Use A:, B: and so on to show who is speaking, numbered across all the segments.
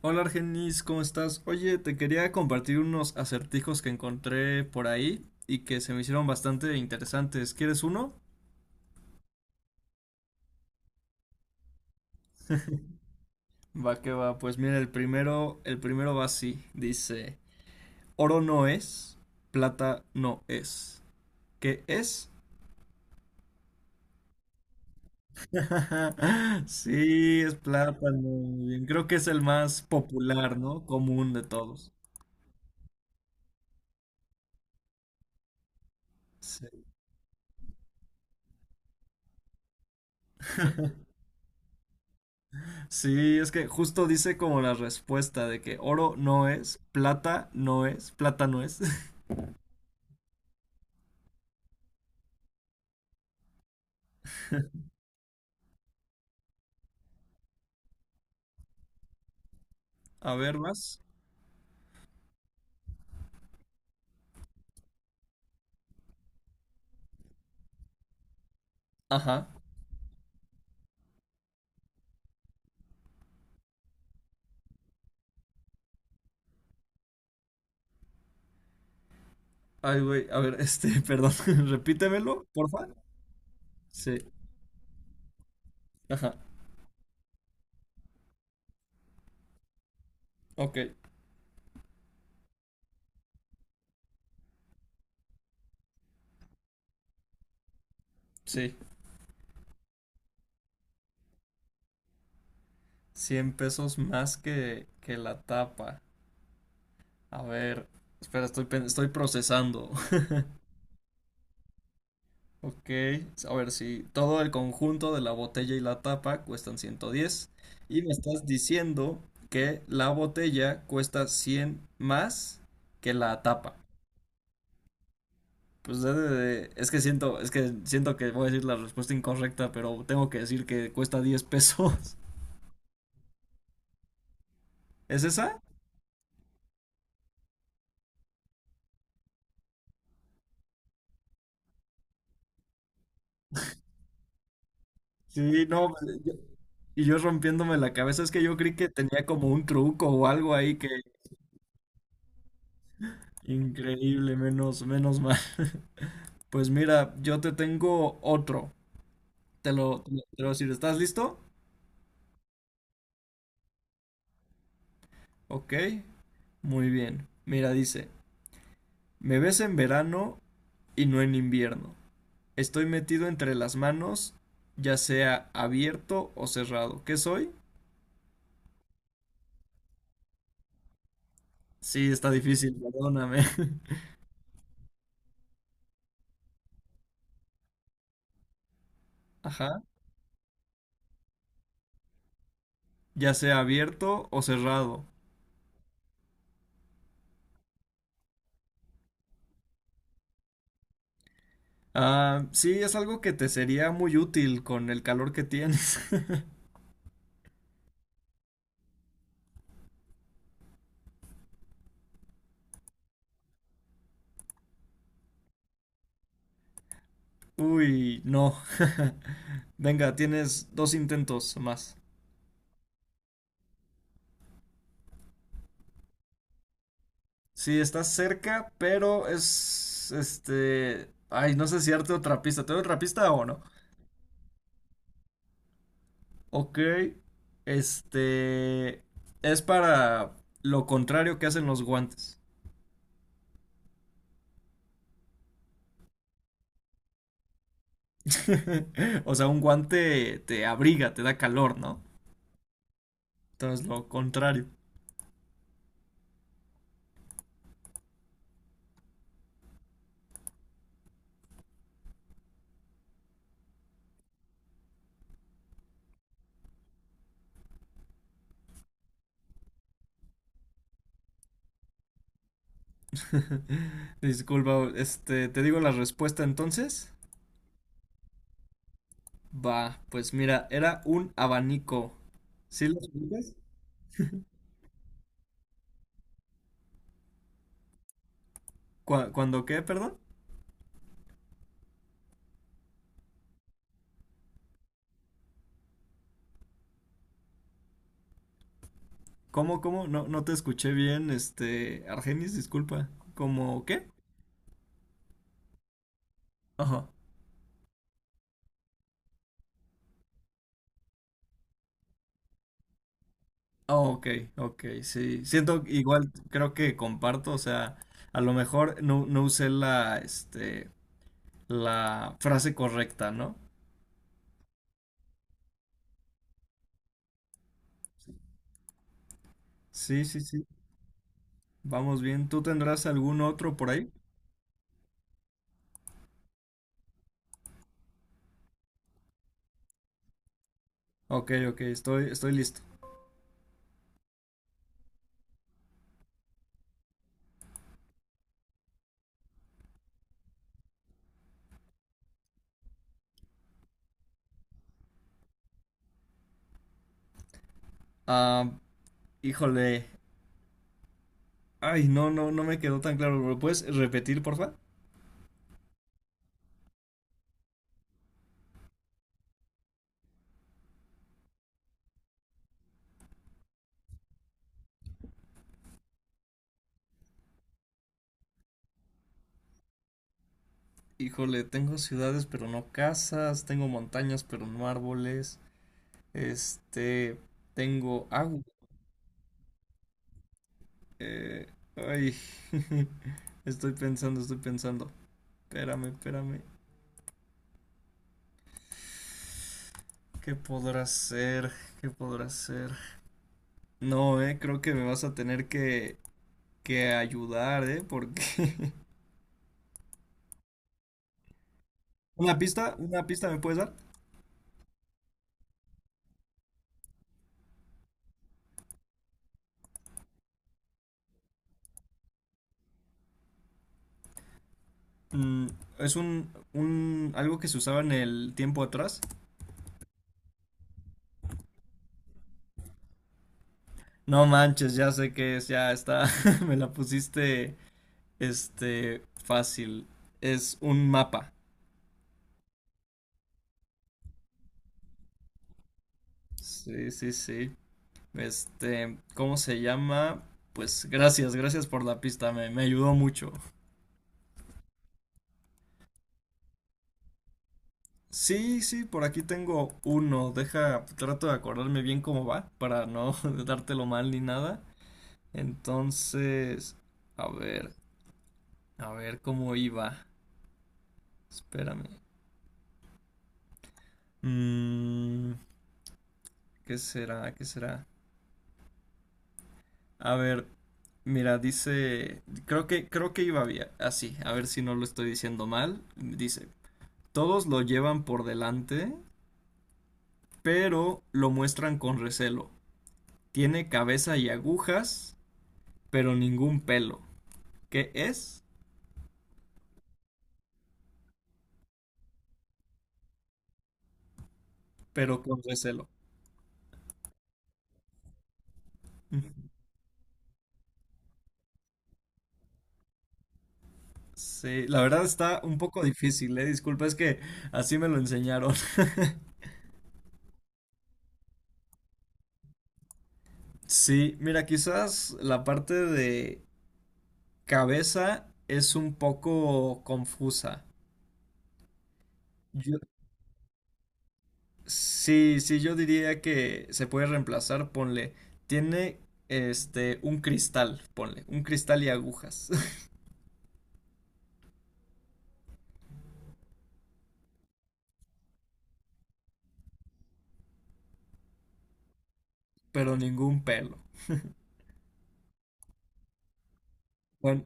A: Hola Argenis, ¿cómo estás? Oye, te quería compartir unos acertijos que encontré por ahí y que se me hicieron bastante interesantes. ¿Quieres uno? Va que va, pues mira, el primero va así, dice, oro no es, plata no es. ¿Qué es? Sí, es plátano. Muy bien. Creo que es el más popular, ¿no? Común de todos. Sí. Sí, es que justo dice como la respuesta de que oro no es, plata no es, plata no es. A ver, más. Ajá. Ay, güey, a ver, este, perdón, repítemelo, porfa. Sí, ajá. Ok, sí. 100 pesos más que la tapa. A ver, espera, estoy procesando. Ok, a ver, si todo el conjunto de la botella y la tapa cuestan 110. Y me estás diciendo que la botella cuesta 100 más que la tapa. Pues es que siento que voy a decir la respuesta incorrecta, pero tengo que decir que cuesta 10 pesos. ¿Es esa? Sí, no, pues, yo- y yo rompiéndome la cabeza, es que yo creí que tenía como un truco o algo ahí que increíble, menos, menos mal. Pues mira, yo te tengo otro. Te lo voy a decir, ¿estás listo? Ok, muy bien. Mira, dice, me ves en verano y no en invierno. Estoy metido entre las manos, ya sea abierto o cerrado. ¿Qué soy? Sí, está difícil, perdóname. Ajá. Ya sea abierto o cerrado. Ah, sí, es algo que te sería muy útil con el calor que tienes. Uy, no. Venga, tienes dos intentos más. Sí, estás cerca, pero es este. Ay, no sé si darte otra pista. ¿Te doy otra pista o no? Ok, este es para lo contrario que hacen los guantes. O sea, un guante te abriga, te da calor, ¿no? Entonces, lo contrario. Disculpa, te digo la respuesta entonces. Va, pues mira, era un abanico. ¿Sí lo ubicas? Cua- ¿Cuándo qué, perdón? ¿Cómo? No, no te escuché bien, Argenis, disculpa. ¿Cómo qué? Ajá. Oh, ok, ok, sí. Siento igual, creo que comparto, o sea, a lo mejor no, no usé este, la frase correcta, ¿no? Sí, sí, sí. Vamos bien. ¿Tú tendrás algún otro por ahí? Ok, ok, estoy listo. Ah, híjole. Ay, no, no, no me quedó tan claro. ¿Lo puedes repetir, porfa? Híjole, tengo ciudades, pero no casas. Tengo montañas, pero no árboles. Este, tengo agua. Eh, ay, estoy pensando. Espérame, espérame. ¿Qué podrá ser? ¿Qué podrá ser? No, creo que me vas a tener que ayudar, porque... ¿Una pista? ¿Una pista me puedes dar? Mm, es un... algo que se usaba en el tiempo atrás. No manches, ya sé qué es, ya está. Me la pusiste, fácil. Es un mapa. Sí, sí, sí. Este, ¿cómo se llama? Pues gracias, gracias por la pista, me ayudó mucho. Sí, sí, por aquí tengo uno. Deja, trato de acordarme bien cómo va para no dártelo mal ni nada. Entonces, a ver, a ver cómo iba. Espérame. Mm, ¿qué será? ¿Qué será? A ver, mira, dice, creo que iba bien. Así, a ver si no lo estoy diciendo mal. Dice, todos lo llevan por delante, pero lo muestran con recelo. Tiene cabeza y agujas, pero ningún pelo. ¿Qué es? Pero con recelo. Ujú. Sí, la verdad está un poco difícil, eh. Disculpa, es que así me lo enseñaron. Sí, mira, quizás la parte de cabeza es un poco confusa. Yo- sí, sí, yo diría que se puede reemplazar, ponle, tiene un cristal, ponle, un cristal y agujas. Pero ningún pelo. Bueno,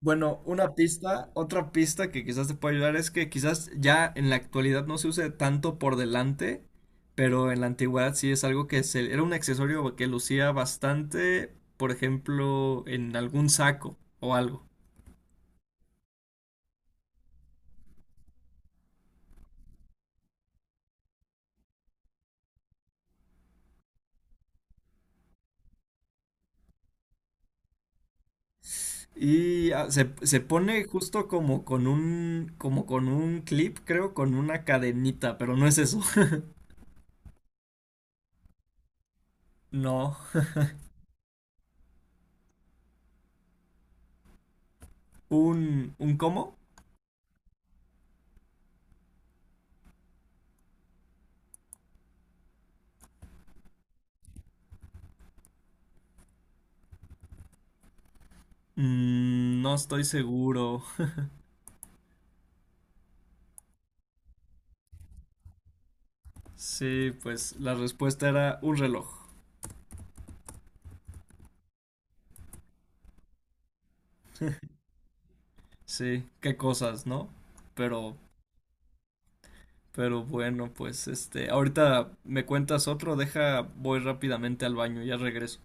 A: bueno, una pista, otra pista que quizás te pueda ayudar es que quizás ya en la actualidad no se use tanto por delante, pero en la antigüedad sí es algo que se, era un accesorio que lucía bastante, por ejemplo, en algún saco o algo. Y ah, se pone justo como con un clip, creo, con una cadenita, pero no es eso. No. Un cómo? Mm, no estoy seguro. Sí, pues la respuesta era un reloj. Sí, qué cosas, ¿no? Pero, pero bueno, pues ahorita me cuentas otro, deja, voy rápidamente al baño, ya regreso.